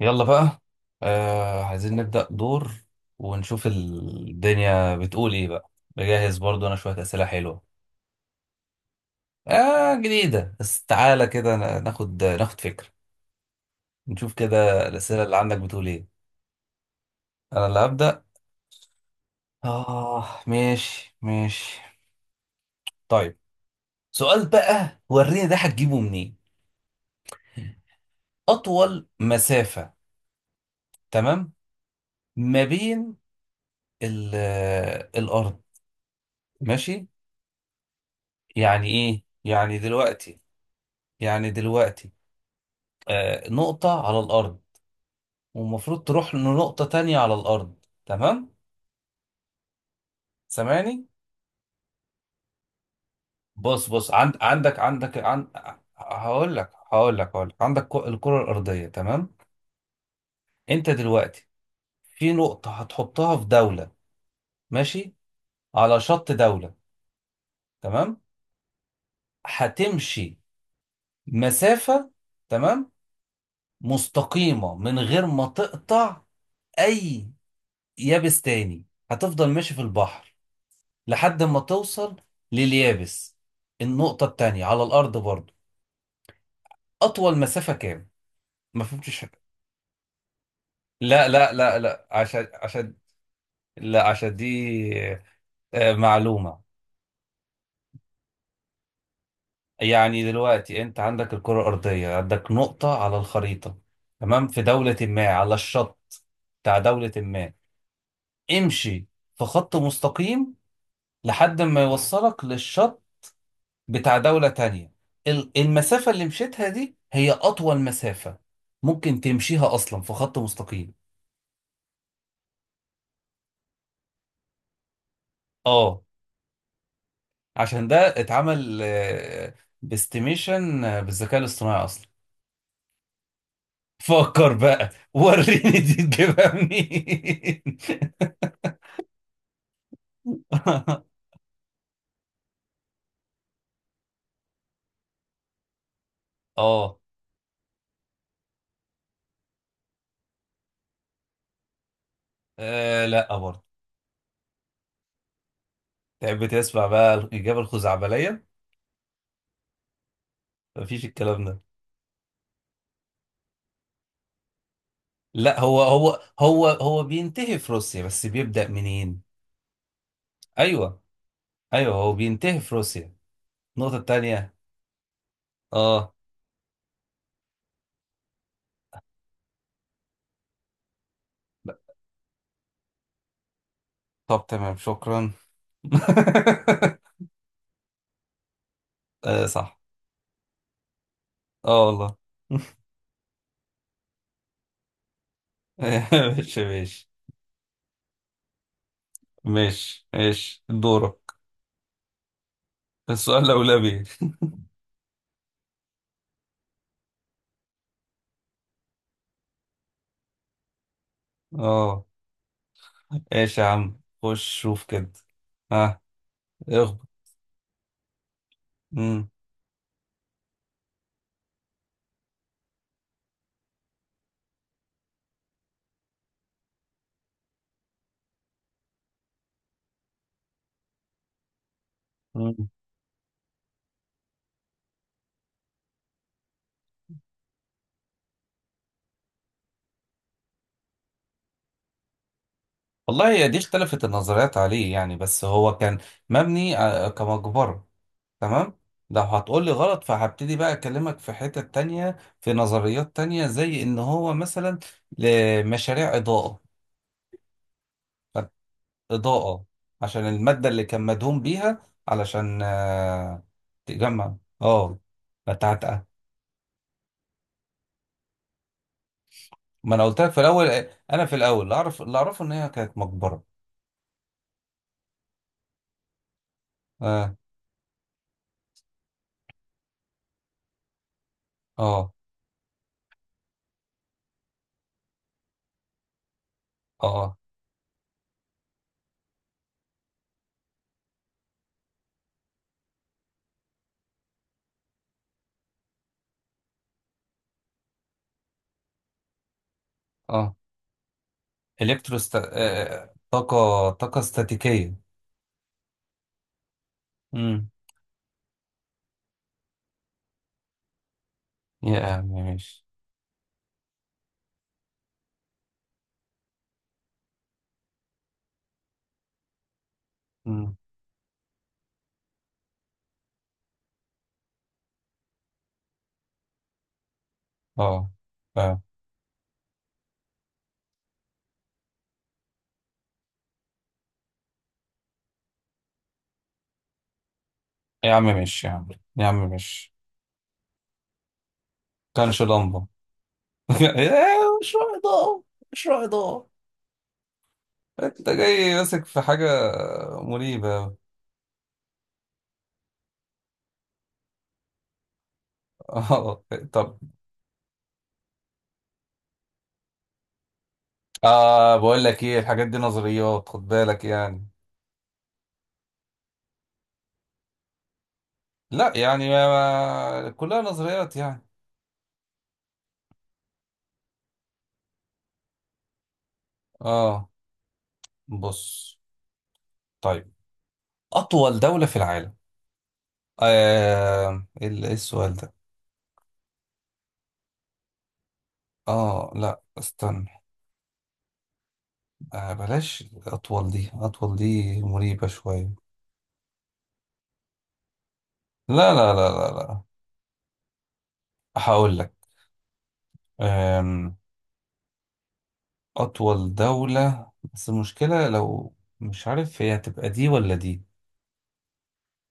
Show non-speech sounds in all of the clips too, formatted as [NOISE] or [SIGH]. يلا بقى. عايزين نبدأ دور ونشوف الدنيا بتقول ايه بقى. بجهز برضو انا شوية أسئلة حلوة. آه جديدة، بس تعالى كده ناخد فكرة، نشوف كده الأسئلة اللي عندك بتقول ايه. انا اللي هبدأ. اه، ماشي ماشي. طيب، سؤال بقى وريني ده هتجيبه منين. أطول مسافة، تمام، ما بين ال- الأرض. ماشي، يعني ايه يعني دلوقتي؟ يعني دلوقتي نقطة على الأرض، والمفروض تروح لنقطة تانية على الأرض، تمام. سامعني؟ بص بص، عندك عن... هقول لك عندك الكرة الأرضية، تمام. أنت دلوقتي في نقطة هتحطها في دولة، ماشي، على شط دولة، تمام. هتمشي مسافة، تمام، مستقيمة، من غير ما تقطع أي يابس تاني. هتفضل ماشي في البحر لحد ما توصل لليابس، النقطة التانية على الأرض برضو. أطول مسافة كام؟ ما فهمتش. لا لا لا لا، عشان لا عشان دي معلومة. يعني دلوقتي أنت عندك الكرة الأرضية، عندك نقطة على الخريطة، تمام، في دولة ما على الشط بتاع دولة ما. امشي في خط مستقيم لحد ما يوصلك للشط بتاع دولة تانية. المسافة اللي مشيتها دي هي أطول مسافة ممكن تمشيها أصلا في خط مستقيم. اه، عشان ده اتعمل باستيميشن بالذكاء الاصطناعي أصلا. فكر بقى وريني دي تجيبها منين. [LAUGHS] اه، آه، لا برضه. تحب تسمع بقى الإجابة الخزعبلية؟ مفيش الكلام ده. لا، هو بينتهي في روسيا، بس بيبدأ منين. ايوه، ايوه، هو بينتهي في روسيا. النقطة التانية، اه. طب تمام، شكرا. [LAUGHS] آه صح، اه والله. [LAUGHS] ماشي ماشي. ماشي ماشي، دورك. السؤال الأولاني. اه، ماشي يا عم، خش شوف كده. ها، اخبط. مم. مم. والله، هي دي اختلفت النظريات عليه يعني، بس هو كان مبني كمقبرة، تمام. لو هتقول لي غلط، فهبتدي بقى أكلمك في حتة تانية، في نظريات تانية، زي إن هو مثلا لمشاريع إضاءة، كانت إضاءة، عشان المادة اللي كان مدهون بيها علشان تجمع، اه، بتعتقة. ما انا قلت لك في الاول، انا في الاول اللي اعرفه ان هي كانت مقبرة. اه اه اه اه. آه. الكتروست، طاقة استاتيكية. امم. يا عم ماشي. امم. اه اه. يا عم ماشي يا عم. يا عم ماشي. كانش لمبة. [LAUGHS] إيه، مشروع إضاءة، مشروع إضاءة. [LAUGHS] انت جاي ماسك في حاجة مريبة. اه، طب، بقول لك ايه، الحاجات دي نظريات، خد بالك يعني. لا يعني ما، كلها نظريات يعني. اه، بص، طيب. اطول دولة في العالم. إيه إيه السؤال ده؟ اه لا، استنى. بلاش اطول دي مريبة شوية. لا لا لا لا لا، هقول لك. آم، اطول دولة، بس المشكلة لو مش عارف هي هتبقى دي ولا دي،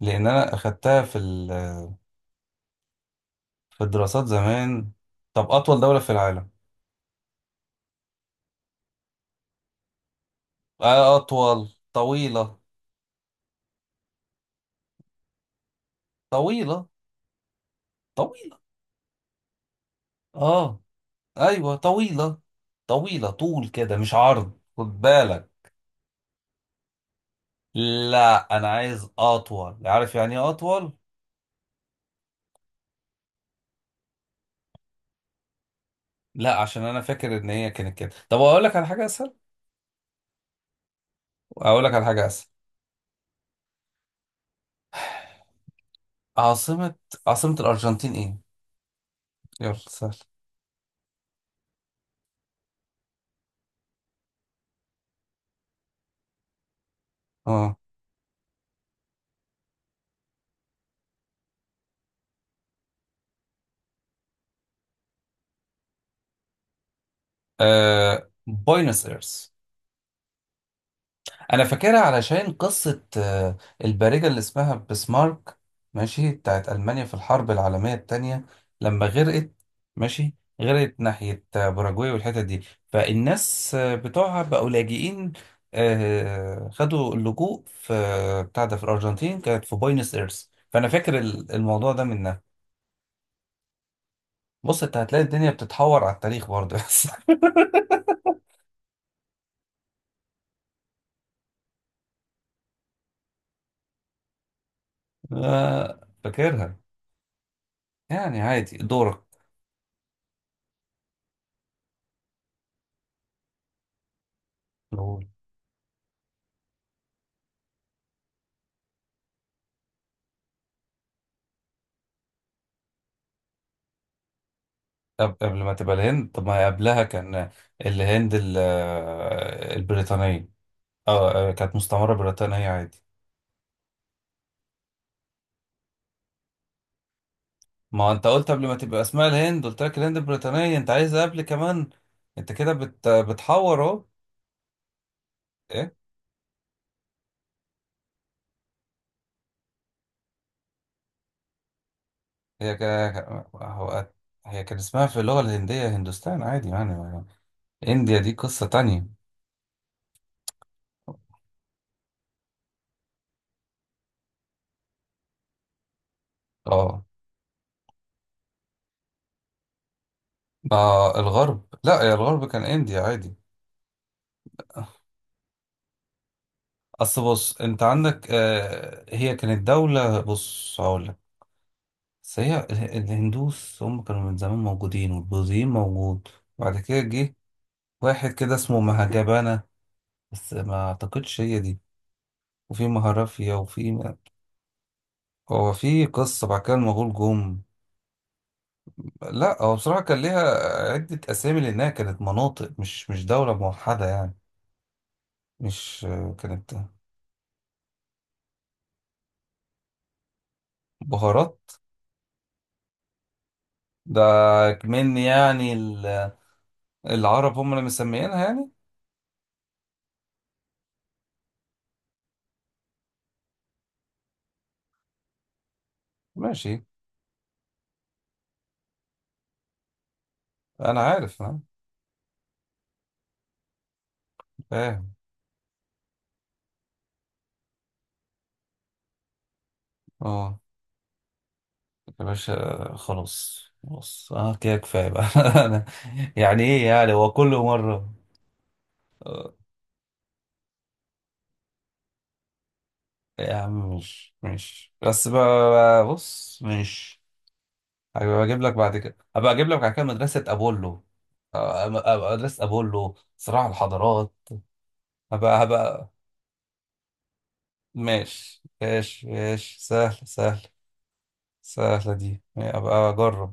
لان انا اخدتها في في الدراسات زمان. طب، أطول دولة في العالم. أطول طويلة، طويلة، طويلة. آه أيوة طويلة، طويلة، طول كده مش عرض، خد بالك. لا، أنا عايز أطول، عارف يعني إيه أطول؟ لا، عشان أنا فاكر إن هي كانت كده. طب أقول لك على حاجة أسهل، أقول لك على حاجة أسهل. عاصمة. عاصمة الأرجنتين إيه؟ يلا سهل. آه. آه. بوينس إيرس. انا فاكرها علشان قصة البارجة اللي اسمها بسمارك، ماشي، بتاعت ألمانيا في الحرب العالمية التانية، لما غرقت، ماشي، غرقت ناحية باراجواي والحتت دي، فالناس بتوعها بقوا لاجئين، خدوا اللجوء في بتاع ده في الأرجنتين، كانت في بوينس إيرس، فأنا فاكر الموضوع ده منها. بص انت هتلاقي الدنيا بتتحور على التاريخ برضه. [LAUGHS] بس فاكرها. يعني عادي، دورك. قبل ما تبقى الهند؟ طب ما هي قبلها كان الهند البريطانية. اه، كانت مستعمرة بريطانية عادي. ما انت قلت قبل ما تبقى اسمها الهند، قلت لك الهند البريطانية، انت عايز قبل كمان؟ انت كده بتحور اهو. ايه؟ هي ك... هو... هي كان اسمها في اللغة الهندية هندوستان عادي يعني. انديا دي قصة تانية. اه، ما الغرب، لا، يا الغرب كان انديا عادي. اصل بص، انت عندك هي كانت دولة، بص هقول لك، بس هي الهندوس هم كانوا من زمان موجودين، والبوذيين موجود. وبعد كده جه واحد كده اسمه مهاجبانا، بس ما اعتقدش هي دي، وفي مهرافيا، وفي... هو في قصة بعد كده، المغول جم. لا هو بصراحة كان ليها عدة أسامي، لأنها كانت مناطق، مش دولة موحدة يعني، مش. كانت بهارات ده، من يعني العرب هم اللي مسميينها يعني. ماشي، أنا عارف، أنا فاهم. اه يا باشا، خلاص خلاص، اه كده كفايه بقى. [LAUGHS] انا يعني ايه يعني هو كل مره؟ آه، يا عم، مش بس بقى، بص مش. هبقى اجيب لك بعد كده مدرسه ابولو، أبقى مدرسه ابولو صراع الحضارات. هبقى. ماشي ماشي ماشي، سهل سهل. سهله دي، هبقى اجرب.